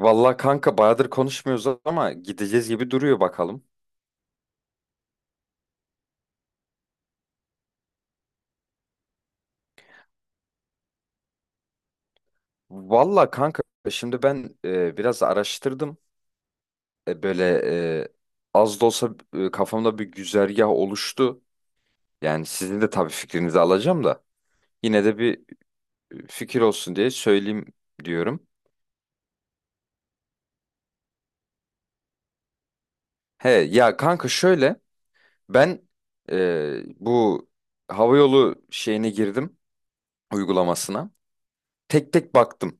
Vallahi kanka bayağıdır konuşmuyoruz ama gideceğiz gibi duruyor bakalım. Vallahi kanka, şimdi ben biraz araştırdım. Böyle, e, az da olsa, kafamda bir güzergah oluştu. Yani sizin de tabii fikrinizi alacağım da. Yine de bir fikir olsun diye söyleyeyim diyorum. He ya kanka, şöyle ben bu havayolu şeyine girdim, uygulamasına. Tek tek baktım.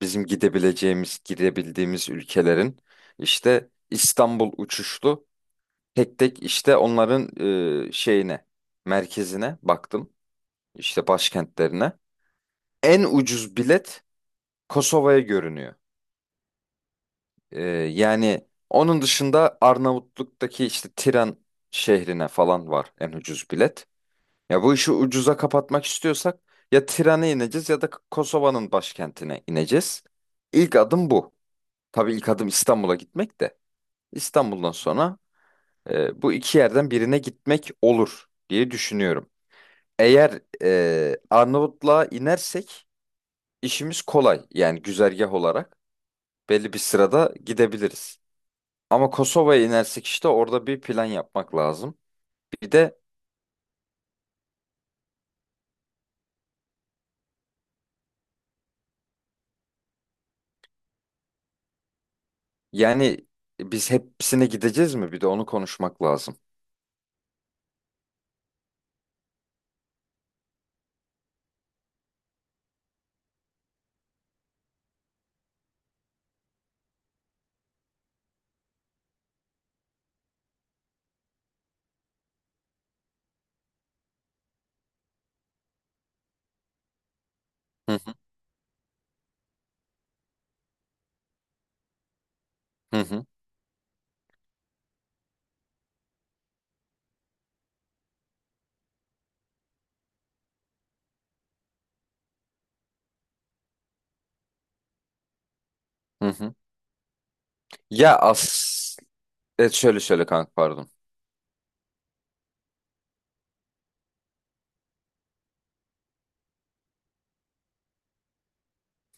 Bizim gidebileceğimiz, gidebildiğimiz ülkelerin işte İstanbul uçuşlu, tek tek işte onların şeyine, merkezine baktım. İşte başkentlerine. En ucuz bilet Kosova'ya görünüyor. Yani onun dışında Arnavutluk'taki işte Tiran şehrine falan var en ucuz bilet. Ya bu işi ucuza kapatmak istiyorsak ya Tiran'a ineceğiz ya da Kosova'nın başkentine ineceğiz. İlk adım bu. Tabii ilk adım İstanbul'a gitmek de; İstanbul'dan sonra bu iki yerden birine gitmek olur diye düşünüyorum. Eğer Arnavutluğa inersek, işimiz kolay, yani güzergah olarak belli bir sırada gidebiliriz. Ama Kosova'ya inersek, işte orada bir plan yapmak lazım. Bir de yani biz hepsine gideceğiz mi? Bir de onu konuşmak lazım. Hı hı, hı hı. Hı hı. Ya, şöyle kanka, pardon.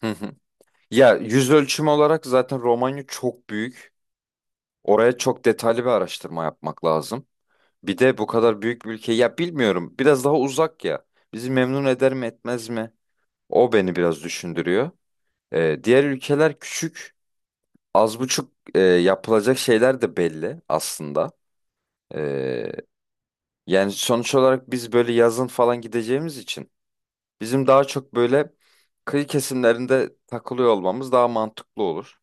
Hı hı. Ya, yüz ölçümü olarak zaten Romanya çok büyük. Oraya çok detaylı bir araştırma yapmak lazım. Bir de bu kadar büyük bir ülke, ya bilmiyorum biraz daha uzak ya. Bizi memnun eder mi etmez mi? O beni biraz düşündürüyor. Diğer ülkeler küçük, az buçuk, yapılacak şeyler de belli aslında. Ee, yani sonuç olarak biz böyle yazın falan gideceğimiz için, bizim daha çok böyle kıyı kesimlerinde takılıyor olmamız daha mantıklı olur.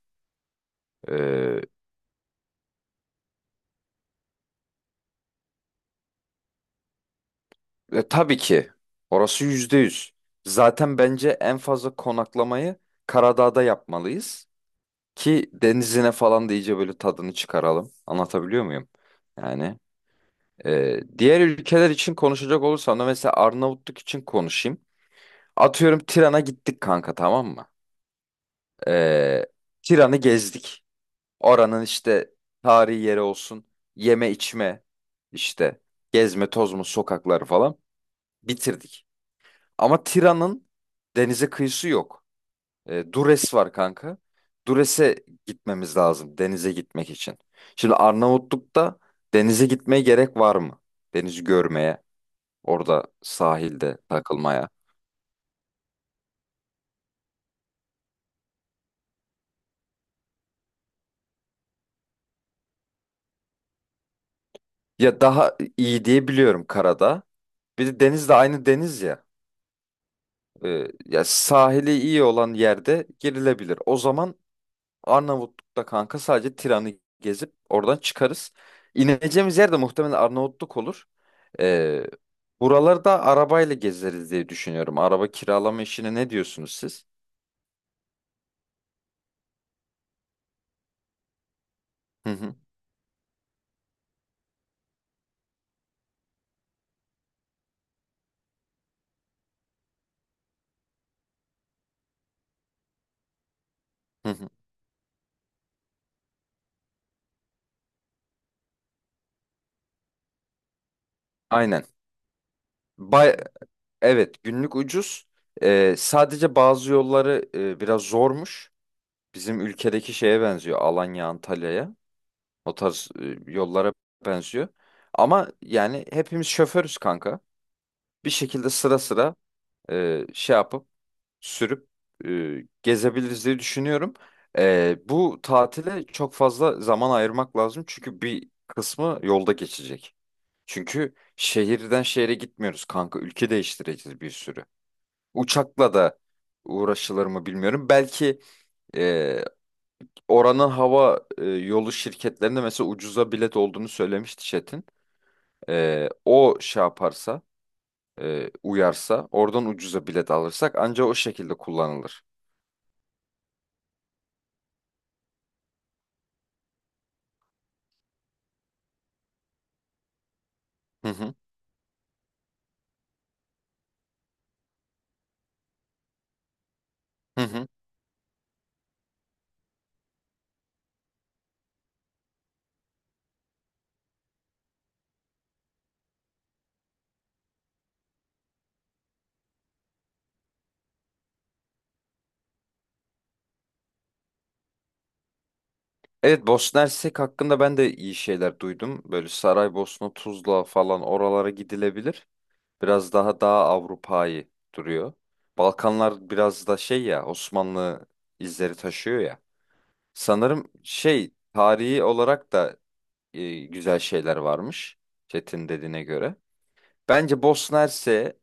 Ee, tabii ki. Orası yüzde yüz. Zaten bence en fazla konaklamayı Karadağ'da yapmalıyız. Ki denizine falan da iyice böyle tadını çıkaralım. Anlatabiliyor muyum? Yani diğer ülkeler için konuşacak olursam da, mesela Arnavutluk için konuşayım. Atıyorum Tiran'a gittik kanka, tamam mı? E, Tiran'ı gezdik. Oranın işte tarihi yeri olsun, yeme içme işte, gezme tozma, sokakları falan bitirdik. Ama Tira'nın denize kıyısı yok. Dures var kanka. Dures'e gitmemiz lazım denize gitmek için. Şimdi Arnavutluk'ta denize gitmeye gerek var mı? Denizi görmeye, orada sahilde takılmaya. Ya daha iyi diye biliyorum karada. Bir de deniz de aynı deniz ya. Ya sahili iyi olan yerde girilebilir. O zaman Arnavutluk'ta kanka sadece Tiran'ı gezip oradan çıkarız. İneceğimiz yer de muhtemelen Arnavutluk olur. Ee, Buralarda arabayla gezeriz diye düşünüyorum. Araba kiralama işine ne diyorsunuz siz? Hı hı, hı hı. Aynen. Bay evet, günlük ucuz. Sadece bazı yolları biraz zormuş. Bizim ülkedeki şeye benziyor. Alanya, Antalya'ya. O tarz yollara benziyor. Ama yani hepimiz şoförüz kanka. Bir şekilde sıra sıra şey yapıp, sürüp, e, gezebiliriz diye düşünüyorum. Bu tatile çok fazla zaman ayırmak lazım, çünkü bir kısmı yolda geçecek. Çünkü şehirden şehre gitmiyoruz kanka. Ülke değiştireceğiz bir sürü. Uçakla da uğraşılır mı bilmiyorum. Belki e, oranın hava yolu şirketlerinde mesela ucuza bilet olduğunu söylemişti Çetin. O şey yaparsa, uyarsa, oradan ucuza bilet alırsak, ancak o şekilde kullanılır. Hı hı. Hı hı. Evet, Bosna Hersek hakkında ben de iyi şeyler duydum. Böyle Saraybosna, Tuzla falan, oralara gidilebilir. Biraz daha Avrupa'yı duruyor. Balkanlar biraz da şey, ya Osmanlı izleri taşıyor ya. Sanırım şey, tarihi olarak da güzel şeyler varmış, Çetin dediğine göre. Bence Bosna Hersek'e,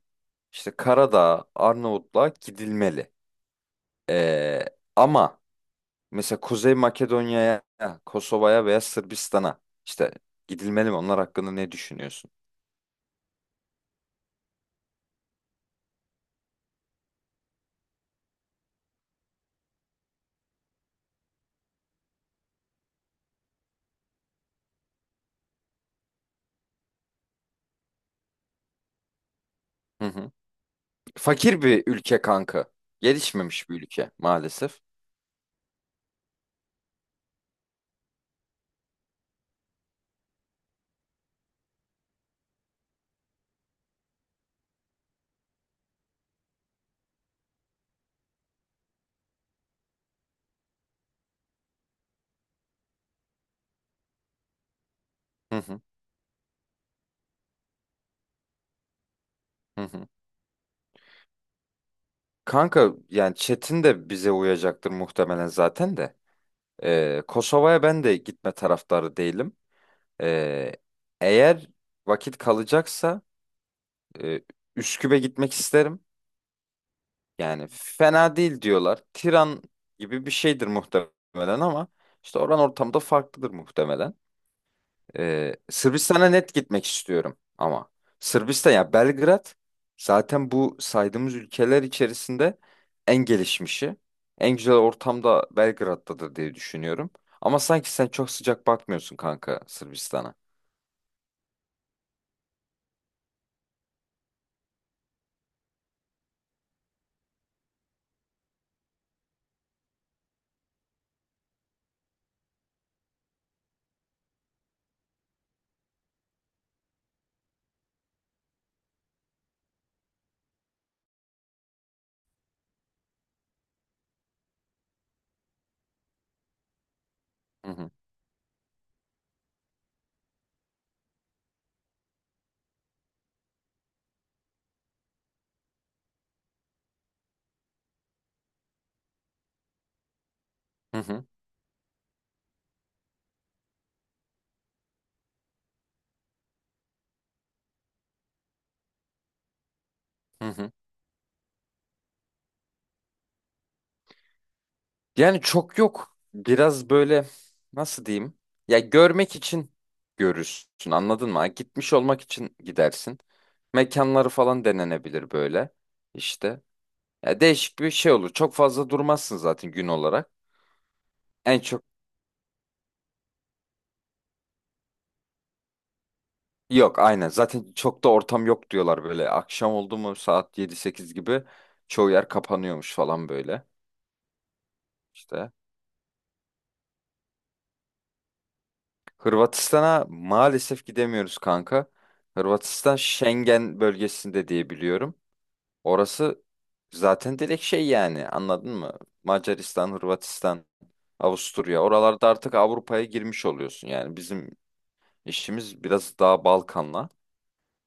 işte Karadağ, Arnavutluğa gidilmeli. Ee, ama mesela Kuzey Makedonya'ya, Kosova'ya veya Sırbistan'a işte gidilmeli mi? Onlar hakkında ne düşünüyorsun? Hı hı. Fakir bir ülke kanka. Gelişmemiş bir ülke maalesef. Hı hı. Hı hı. Kanka yani, Çetin de bize uyacaktır muhtemelen zaten de. Kosova'ya ben de gitme taraftarı değilim. Ee, Eğer vakit kalacaksa, e, Üsküp'e gitmek isterim. Yani fena değil diyorlar. Tiran gibi bir şeydir muhtemelen, ama işte oran ortamda farklıdır muhtemelen. Sırbistan'a net gitmek istiyorum ama. Sırbistan, ya Belgrad zaten bu saydığımız ülkeler içerisinde en gelişmişi. En güzel ortamda Belgrad'dadır diye düşünüyorum. Ama sanki sen çok sıcak bakmıyorsun kanka Sırbistan'a. Hı hı. Hı hı. Hı hı. Yani çok yok. Biraz böyle, nasıl diyeyim? Ya, görmek için görürsün, anladın mı? Gitmiş olmak için gidersin. Mekanları falan denenebilir böyle, işte. Ya, değişik bir şey olur. Çok fazla durmazsın zaten gün olarak. En çok yok, aynen. Zaten çok da ortam yok diyorlar böyle. Akşam oldu mu saat 7-8 gibi, çoğu yer kapanıyormuş falan böyle. İşte, Hırvatistan'a maalesef gidemiyoruz kanka. Hırvatistan Schengen bölgesinde diye biliyorum. Orası zaten direkt şey, yani, anladın mı? Macaristan, Hırvatistan, Avusturya, oralarda artık Avrupa'ya girmiş oluyorsun. Yani bizim işimiz biraz daha Balkan'la.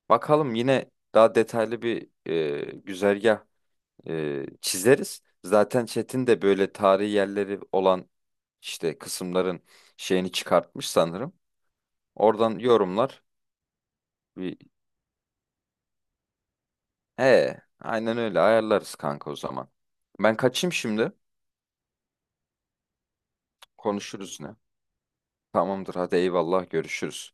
Bakalım, yine daha detaylı bir güzergah çizeriz. Zaten Çetin de böyle tarihi yerleri olan işte kısımların şeyini çıkartmış sanırım. Oradan yorumlar. Bir... He, aynen öyle ayarlarız kanka o zaman. Ben kaçayım şimdi. Konuşuruz yine. Tamamdır, hadi eyvallah, görüşürüz.